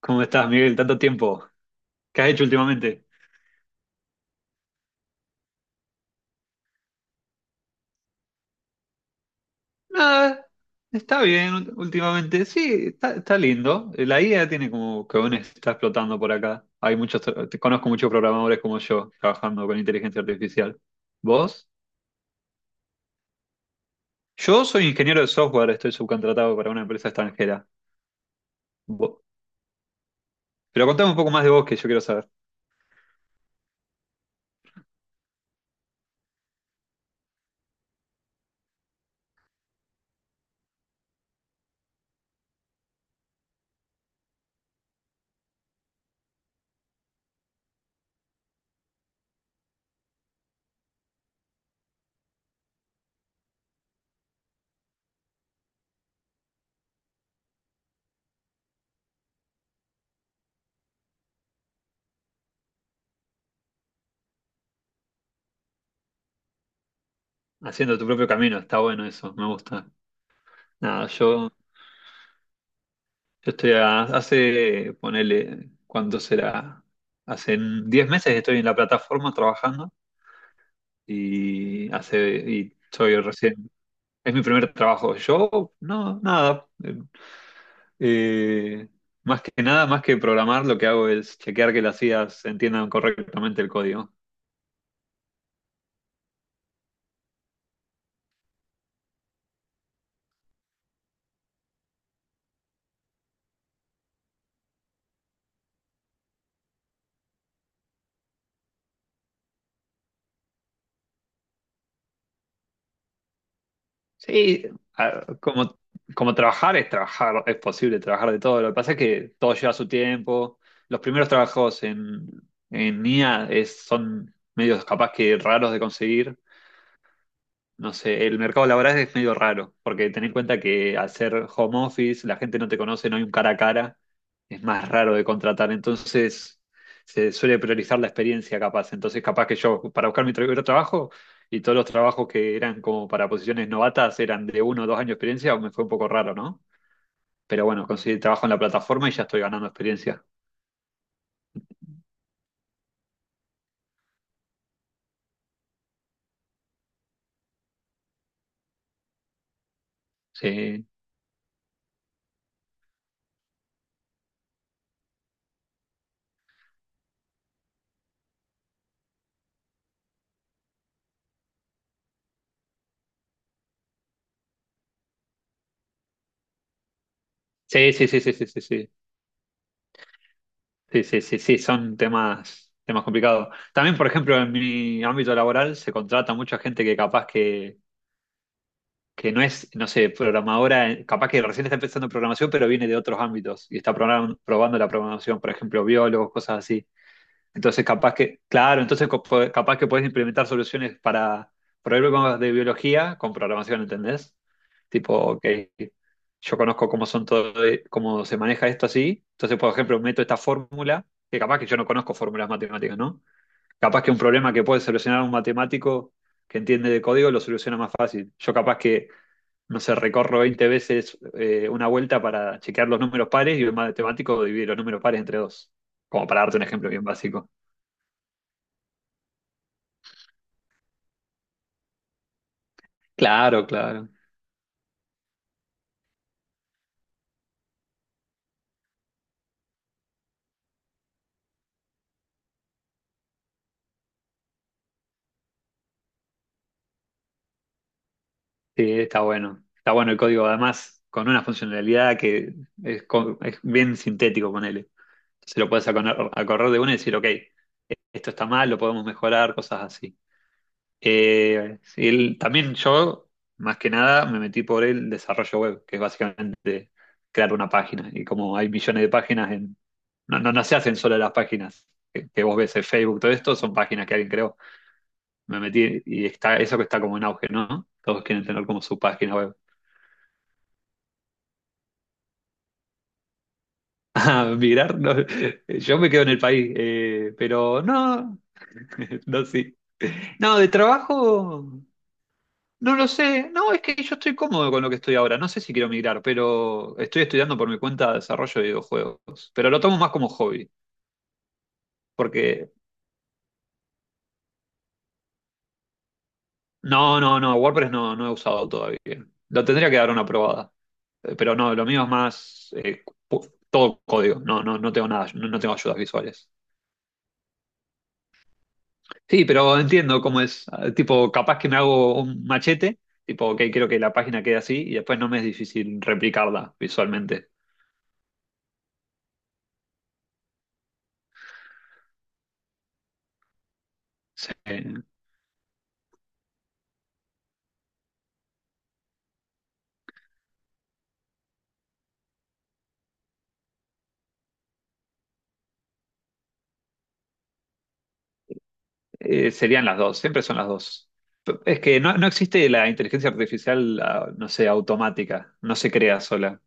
¿Cómo estás, Miguel? Tanto tiempo. ¿Qué has hecho últimamente? Nada, está bien últimamente. Sí, está lindo. La IA tiene como que aún está explotando por acá. Hay conozco muchos programadores como yo trabajando con inteligencia artificial. ¿Vos? Yo soy ingeniero de software, estoy subcontratado para una empresa extranjera. Vo- Pero contame un poco más de vos que yo quiero saber. Haciendo tu propio camino, está bueno eso, me gusta. Nada, yo estoy hace, ponele, ¿cuánto será? Hace 10 meses estoy en la plataforma trabajando y soy recién, es mi primer trabajo. Yo, no, nada. Eh, más que nada, más que programar, lo que hago es chequear que las IAs entiendan correctamente el código. Sí, como, como trabajar, es posible trabajar de todo. Lo que pasa es que todo lleva su tiempo. Los primeros trabajos en IA son medios capaz que raros de conseguir. No sé, el mercado laboral es medio raro, porque ten en cuenta que al ser home office, la gente no te conoce, no hay un cara a cara, es más raro de contratar, entonces se suele priorizar la experiencia capaz. Entonces capaz que yo, para buscar mi otro trabajo, y todos los trabajos que eran como para posiciones novatas eran de 1 o 2 años de experiencia, me fue un poco raro, ¿no? Pero bueno, conseguí trabajo en la plataforma y ya estoy ganando experiencia. Sí, sí, sí, sí, sí, sí, sí, sí. Sí, sí, sí, sí, son temas complicados. También, por ejemplo, en mi ámbito laboral se contrata mucha gente que capaz que no es, no sé, programadora, capaz que recién está empezando programación, pero viene de otros ámbitos y está probando la programación, por ejemplo, biólogos, cosas así. Entonces, capaz que, claro, entonces capaz que podés implementar soluciones para problemas de biología con programación, ¿entendés? Tipo, ok, yo conozco cómo son todo, cómo se maneja esto así. Entonces, por ejemplo, meto esta fórmula, que capaz que yo no conozco fórmulas matemáticas, ¿no? Capaz que un problema que puede solucionar un matemático que entiende de código lo soluciona más fácil. Yo capaz que, no sé, recorro 20 veces una vuelta para chequear los números pares y un matemático divide los números pares entre dos. Como para darte un ejemplo bien básico. Claro, claro. Sí, está bueno. Está bueno el código, además, con una funcionalidad que es, es bien sintético, ponele. Se lo puedes acordar de una y decir, ok, esto está mal, lo podemos mejorar, cosas así. Sí, también yo, más que nada, me metí por el desarrollo web, que es básicamente crear una página. Y como hay millones de páginas, no, no, no se hacen solo las páginas que vos ves en Facebook, todo esto son páginas que alguien creó. Me metí y está eso que está como en auge, ¿no? Todos quieren tener como su página web. Ah, migrar, no, yo me quedo en el país, pero no, no, sí. No, de trabajo, no lo sé. No, es que yo estoy cómodo con lo que estoy ahora. No sé si quiero migrar, pero estoy estudiando por mi cuenta desarrollo de videojuegos. Pero lo tomo más como hobby, porque No, no, no, WordPress no, no he usado todavía. Lo tendría que dar una probada. Pero no, lo mío es más todo código. No, no, no tengo nada, no, no tengo ayudas visuales. Sí, pero entiendo cómo es. Tipo, capaz que me hago un machete, tipo, ok, quiero que la página quede así y después no me es difícil replicarla visualmente. Sí. Serían las dos, siempre son las dos. Es que no, no existe la inteligencia artificial, ah, no sé, automática, no se crea sola.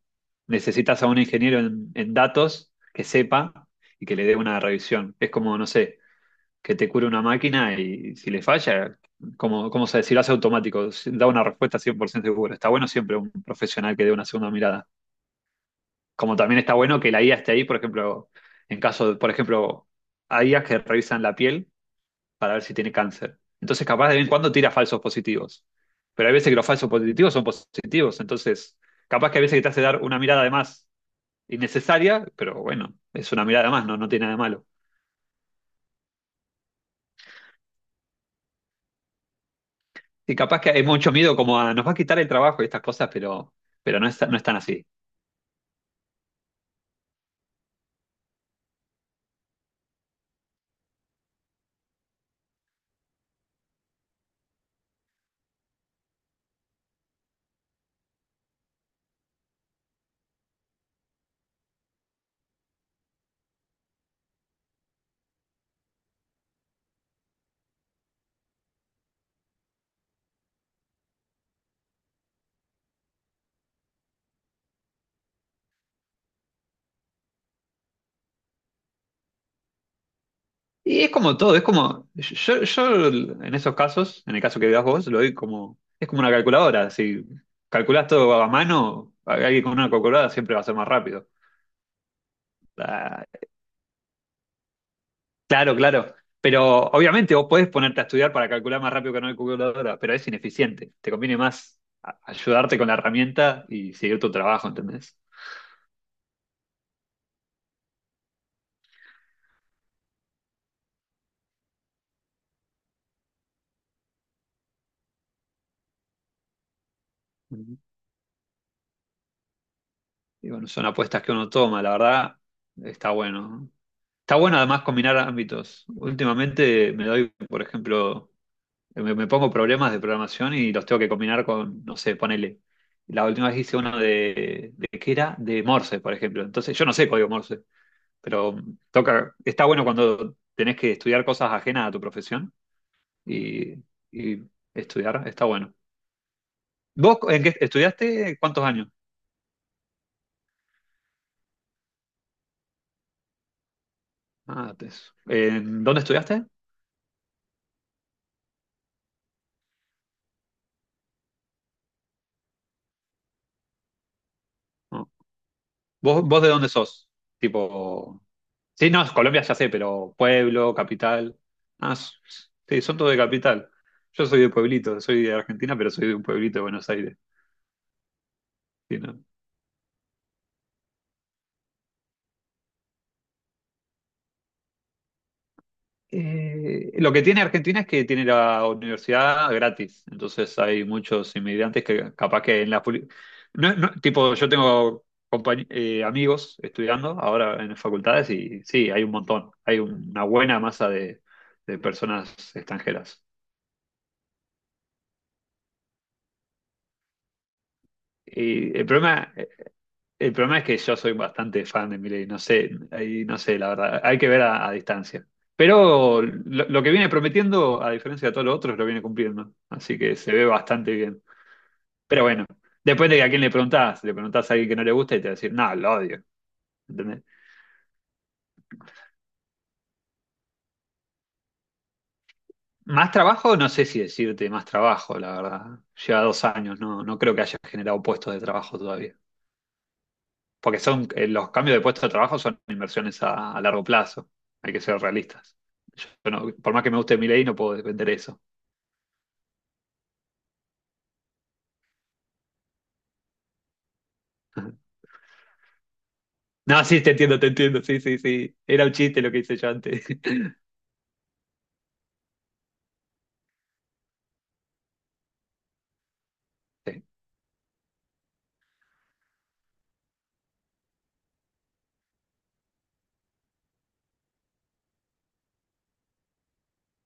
Necesitas a un ingeniero en, datos que sepa y que le dé una revisión. Es como, no sé, que te cure una máquina y si le falla, como, se decir, hace automático. Si da una respuesta 100% segura. Está bueno siempre un profesional que dé una segunda mirada. Como también está bueno que la IA esté ahí, por ejemplo, en caso, por ejemplo, hay IAs que revisan la piel para ver si tiene cáncer. Entonces, capaz de vez en cuando tira falsos positivos. Pero hay veces que los falsos positivos son positivos. Entonces, capaz que hay veces que te hace dar una mirada de más innecesaria, pero bueno, es una mirada más, no, no tiene nada de malo. Y capaz que hay mucho miedo como a nos va a quitar el trabajo y estas cosas, pero no es, tan así. Y es como todo, es como, yo en esos casos, en el caso que veas vos, lo doy como, es como una calculadora, si calculás todo a mano, alguien con una calculadora siempre va a ser más rápido. Ah, claro, claro. Pero obviamente vos podés ponerte a estudiar para calcular más rápido que una calculadora, pero es ineficiente. Te conviene más ayudarte con la herramienta y seguir tu trabajo, ¿entendés? Y bueno, son apuestas que uno toma, la verdad, está bueno. Está bueno además combinar ámbitos. Últimamente me doy, por ejemplo, me pongo problemas de programación y los tengo que combinar con, no sé, ponele. La última vez hice uno de, ¿qué era? De Morse, por ejemplo. Entonces, yo no sé código Morse, pero toca, está bueno cuando tenés que estudiar cosas ajenas a tu profesión y, y estudiar, está bueno. ¿Vos en qué estudiaste? ¿Cuántos años? Ah, te- ¿En dónde estudiaste? ¿Vos de dónde sos? Tipo. Sí, no, Colombia ya sé, pero pueblo, capital. Ah, s- sí, son todos de capital. Yo soy de pueblito, soy de Argentina, pero soy de un pueblito de Buenos Aires. Sí, no. Lo que tiene Argentina es que tiene la universidad gratis, entonces hay muchos inmigrantes que capaz que en la... No, no, tipo, yo tengo amigos estudiando ahora en facultades y sí, hay un montón, hay una buena masa de personas extranjeras. Y el problema es que yo soy bastante fan de Milei, no sé, ahí no sé, la verdad, hay que ver a distancia. Pero lo que viene prometiendo, a diferencia de todos los otros, lo viene cumpliendo. Así que se ve bastante bien. Pero bueno, depende de a quién le preguntás. Le preguntás a alguien que no le gusta y te va a decir, no, lo odio. ¿Entendés? Más trabajo, no sé si decirte más trabajo, la verdad. Lleva 2 años, no, no creo que haya generado puestos de trabajo todavía. Porque son, los cambios de puesto de trabajo son inversiones a largo plazo. Hay que ser realistas. Yo por más que me guste mi ley, no puedo defender eso. No, sí, te entiendo, te entiendo. Sí, sí, sí. Era un chiste lo que hice yo antes. Sí,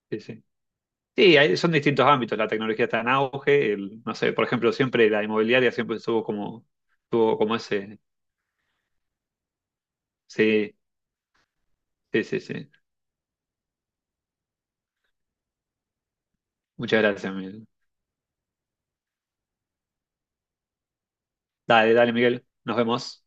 sí, sí. Sí, son distintos ámbitos. La tecnología está en auge. No sé, por ejemplo, siempre la inmobiliaria siempre estuvo como, ese. Sí, sí, sí, sí. Muchas gracias, Miguel. Dale, dale, Miguel. Nos vemos.